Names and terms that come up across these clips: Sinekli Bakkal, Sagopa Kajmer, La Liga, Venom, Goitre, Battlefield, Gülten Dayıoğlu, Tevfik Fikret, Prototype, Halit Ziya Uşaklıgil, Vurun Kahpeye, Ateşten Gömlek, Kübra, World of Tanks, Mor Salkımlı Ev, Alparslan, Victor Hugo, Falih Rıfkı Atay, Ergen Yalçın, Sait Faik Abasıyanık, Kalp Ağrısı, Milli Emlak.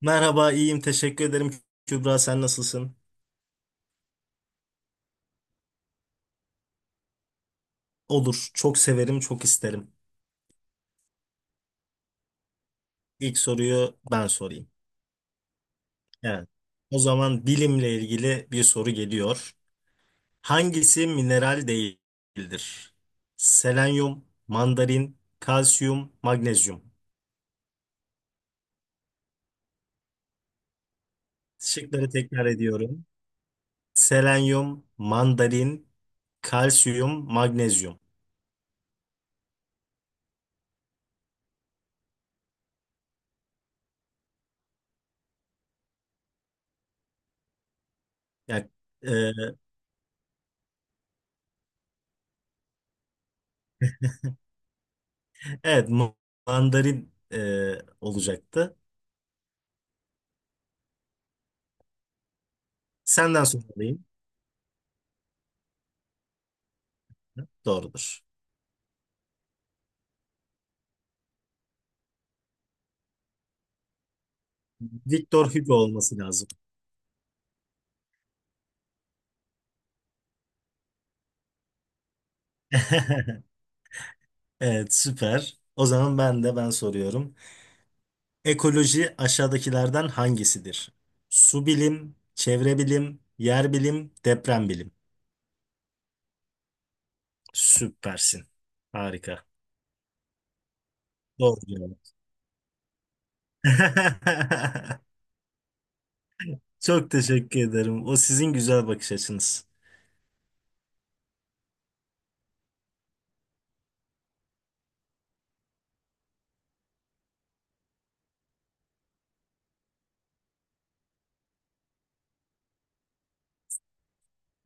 Merhaba, iyiyim. Teşekkür ederim. Kübra, sen nasılsın? Olur. Çok severim, çok isterim. İlk soruyu ben sorayım. Evet. O zaman bilimle ilgili bir soru geliyor. Hangisi mineral değildir? Selenyum, mandarin, kalsiyum, magnezyum. Şıkları tekrar ediyorum. Selenyum, mandarin, kalsiyum, magnezyum. Yani, e, evet, mandarin olacaktı. Senden sorayım. Doğrudur. Victor Hugo olması lazım. Evet, süper. O zaman ben soruyorum. Ekoloji aşağıdakilerden hangisidir? Su bilim, çevre bilim, yer bilim, deprem bilim. Süpersin. Harika. Doğru cevap. Çok teşekkür ederim. O sizin güzel bakış açınız.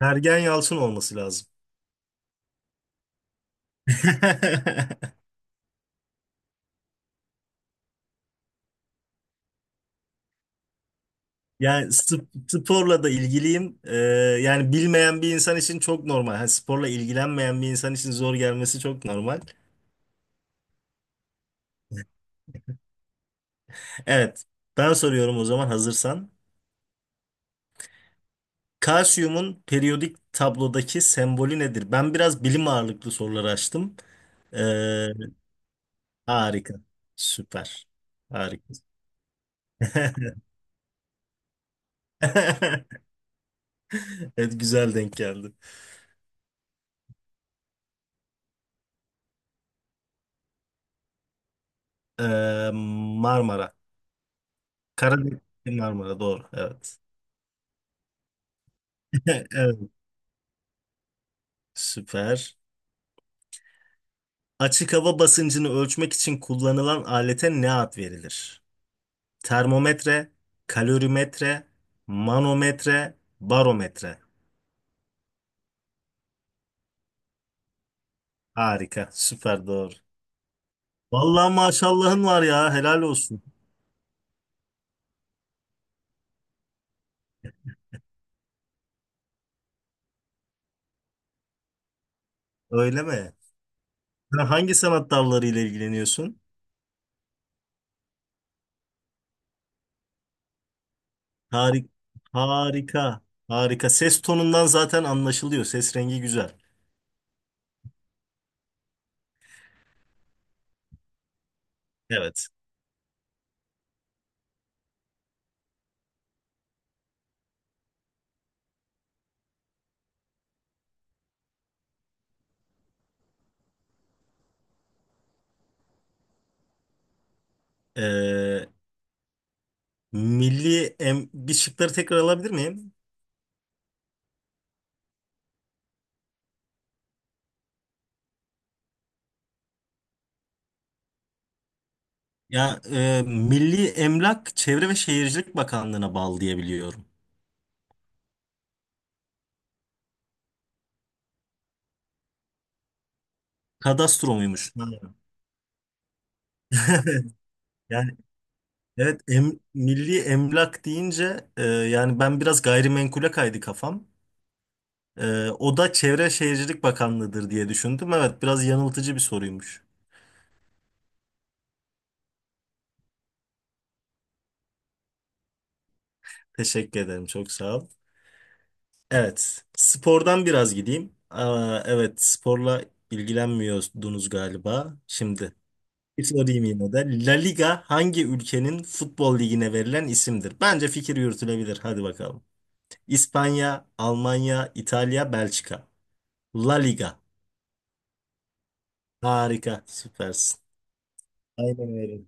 Ergen Yalçın olması lazım. Yani sporla da ilgiliyim. Yani bilmeyen bir insan için çok normal. Hani sporla ilgilenmeyen bir insan için zor gelmesi çok normal. Evet. Ben soruyorum o zaman hazırsan. Kalsiyumun periyodik tablodaki sembolü nedir? Ben biraz bilim ağırlıklı sorular açtım. Ee, harika. Süper. Harika. Evet güzel denk geldi. Marmara. Karadeniz Marmara doğru. Evet. Evet. Süper. Açık hava basıncını ölçmek için kullanılan alete ne ad verilir? Termometre, kalorimetre, manometre, barometre. Harika, süper doğru. Vallahi maşallahın var ya, helal olsun. Öyle mi? Sen hangi sanat dallarıyla ilgileniyorsun? Harika, harika, harika. Ses tonundan zaten anlaşılıyor. Ses rengi güzel. Evet. Ee, milli em bir şıkları tekrar alabilir miyim? Ya Milli Emlak Çevre ve Şehircilik Bakanlığı'na bağlı diye biliyorum. Kadastro muymuş? Ha. Yani evet Milli Emlak deyince yani ben biraz gayrimenkule kaydı kafam. O da Çevre ve Şehircilik Bakanlığı'dır diye düşündüm. Evet biraz yanıltıcı bir soruymuş. Teşekkür ederim çok sağ ol. Evet spordan biraz gideyim. Aa, evet sporla ilgilenmiyordunuz galiba şimdi. Bir sorayım yine de. La Liga hangi ülkenin futbol ligine verilen isimdir? Bence fikir yürütülebilir. Hadi bakalım. İspanya, Almanya, İtalya, Belçika. La Liga. Harika, süpersin. Aynen öyle.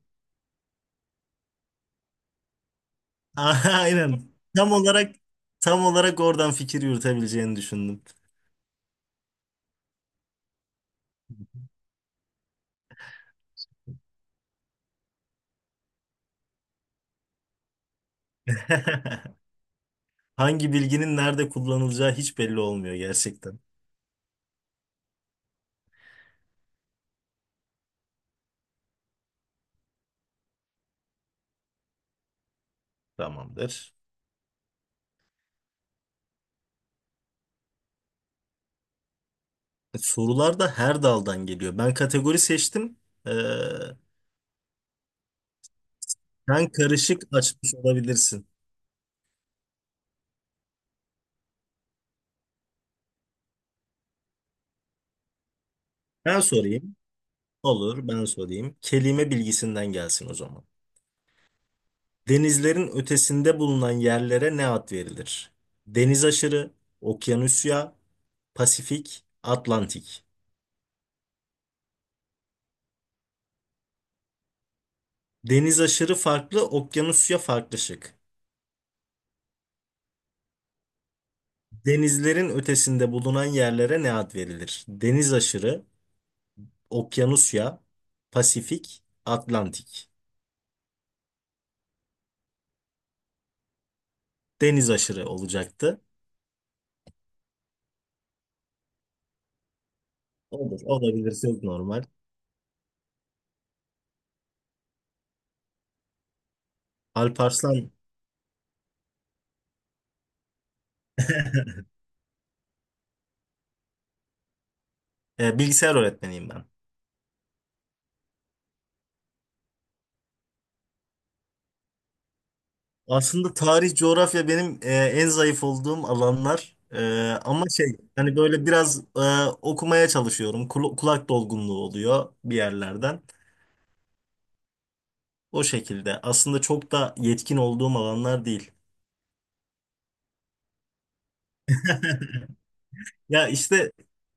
Aynen. Tam olarak tam olarak oradan fikir yürütebileceğini düşündüm. Hangi bilginin nerede kullanılacağı hiç belli olmuyor gerçekten. Tamamdır. Sorular da her daldan geliyor. Ben kategori seçtim. Ee, sen karışık açmış olabilirsin. Ben sorayım. Olur, ben sorayım. Kelime bilgisinden gelsin o zaman. Denizlerin ötesinde bulunan yerlere ne ad verilir? Deniz aşırı, okyanusya, Pasifik, Atlantik. Deniz aşırı farklı, okyanusya farklı şık. Denizlerin ötesinde bulunan yerlere ne ad verilir? Deniz aşırı, okyanusya, Pasifik, Atlantik. Deniz aşırı olacaktı. Olur, olabilir, çok normal. Alparslan, bilgisayar öğretmeniyim ben. Aslında tarih, coğrafya benim en zayıf olduğum alanlar. E, ama şey hani böyle biraz okumaya çalışıyorum. Kulak dolgunluğu oluyor bir yerlerden. O şekilde. Aslında çok da yetkin olduğum alanlar değil. Ya işte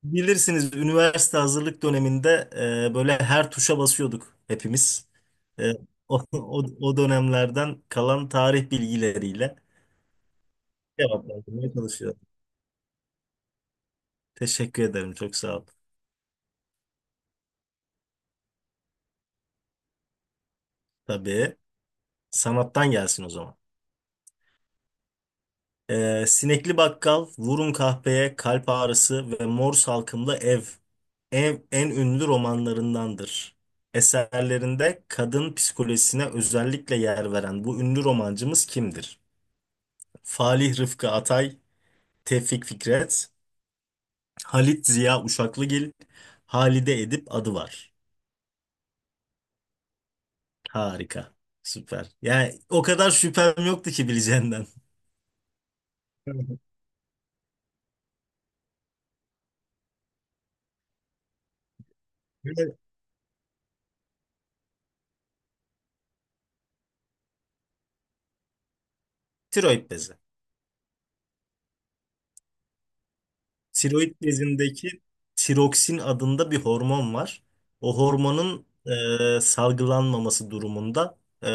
bilirsiniz üniversite hazırlık döneminde böyle her tuşa basıyorduk hepimiz. E, o dönemlerden kalan tarih bilgileriyle cevaplandırmaya çalışıyorum. Teşekkür ederim. Çok sağ ol. Tabii. Sanattan gelsin o zaman. Sinekli bakkal, vurun kahpeye, kalp ağrısı ve mor salkımlı ev. Ev en ünlü romanlarındandır. Eserlerinde kadın psikolojisine özellikle yer veren bu ünlü romancımız kimdir? Falih Rıfkı Atay, Tevfik Fikret, Halit Ziya Uşaklıgil, Halide Edip adı var. Harika. Süper. Yani o kadar şüphem yoktu ki bileceğinden. Evet. Böyle tiroid bezi. Tiroid bezindeki tiroksin adında bir hormon var. O hormonun salgılanmaması durumunda e,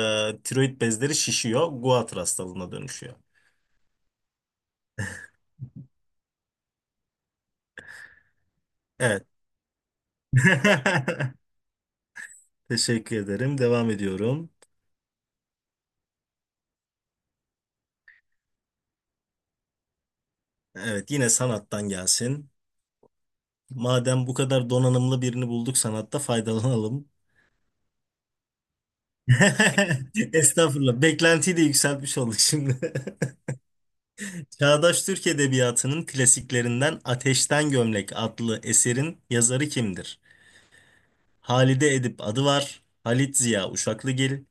tiroid bezleri şişiyor, Goitre hastalığına dönüşüyor. Evet. Teşekkür ederim. Devam ediyorum. Evet, yine sanattan gelsin. Madem bu kadar donanımlı birini bulduk sanatta faydalanalım. Estağfurullah. Beklentiyi de yükseltmiş olduk şimdi. Çağdaş Türk Edebiyatı'nın klasiklerinden Ateşten Gömlek adlı eserin yazarı kimdir? Halide Edip Adıvar, Halit Ziya Uşaklıgil,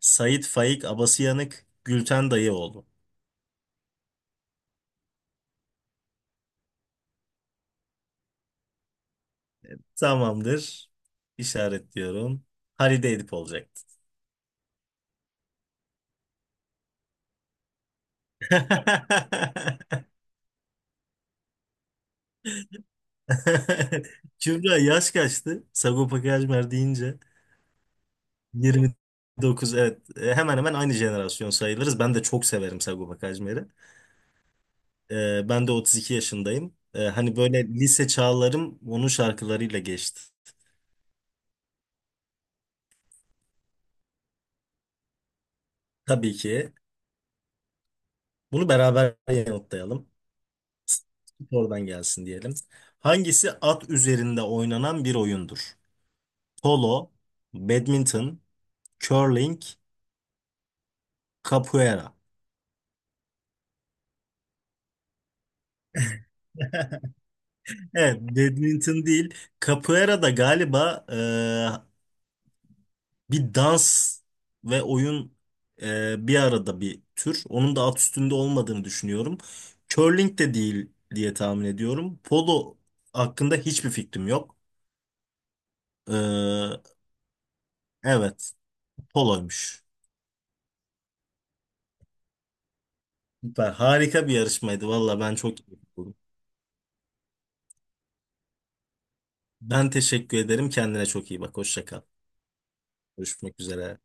Sait Faik Abasıyanık, Gülten Dayıoğlu. Tamamdır. İşaretliyorum. Halide Edip olacaktı. Kübra yaş kaçtı? Sagopa Kajmer deyince 29 evet. Hemen hemen aynı jenerasyon sayılırız. Ben de çok severim Sagopa Kajmer'i. Ben de 32 yaşındayım. Hani böyle lise çağlarım onun şarkılarıyla geçti. Tabii ki. Bunu beraber yanıtlayalım. Oradan gelsin diyelim. Hangisi at üzerinde oynanan bir oyundur? Polo, badminton, curling, capoeira. Evet, badminton değil. Capoeira da galiba bir dans ve oyun bir arada bir tür. Onun da alt üstünde olmadığını düşünüyorum. Curling de değil diye tahmin ediyorum. Polo hakkında hiçbir fikrim yok. Ee, evet, poloymuş. Süper, harika bir yarışmaydı. Valla ben çok iyi buldum. Ben teşekkür ederim. Kendine çok iyi bak. Hoşça kal. Görüşmek üzere.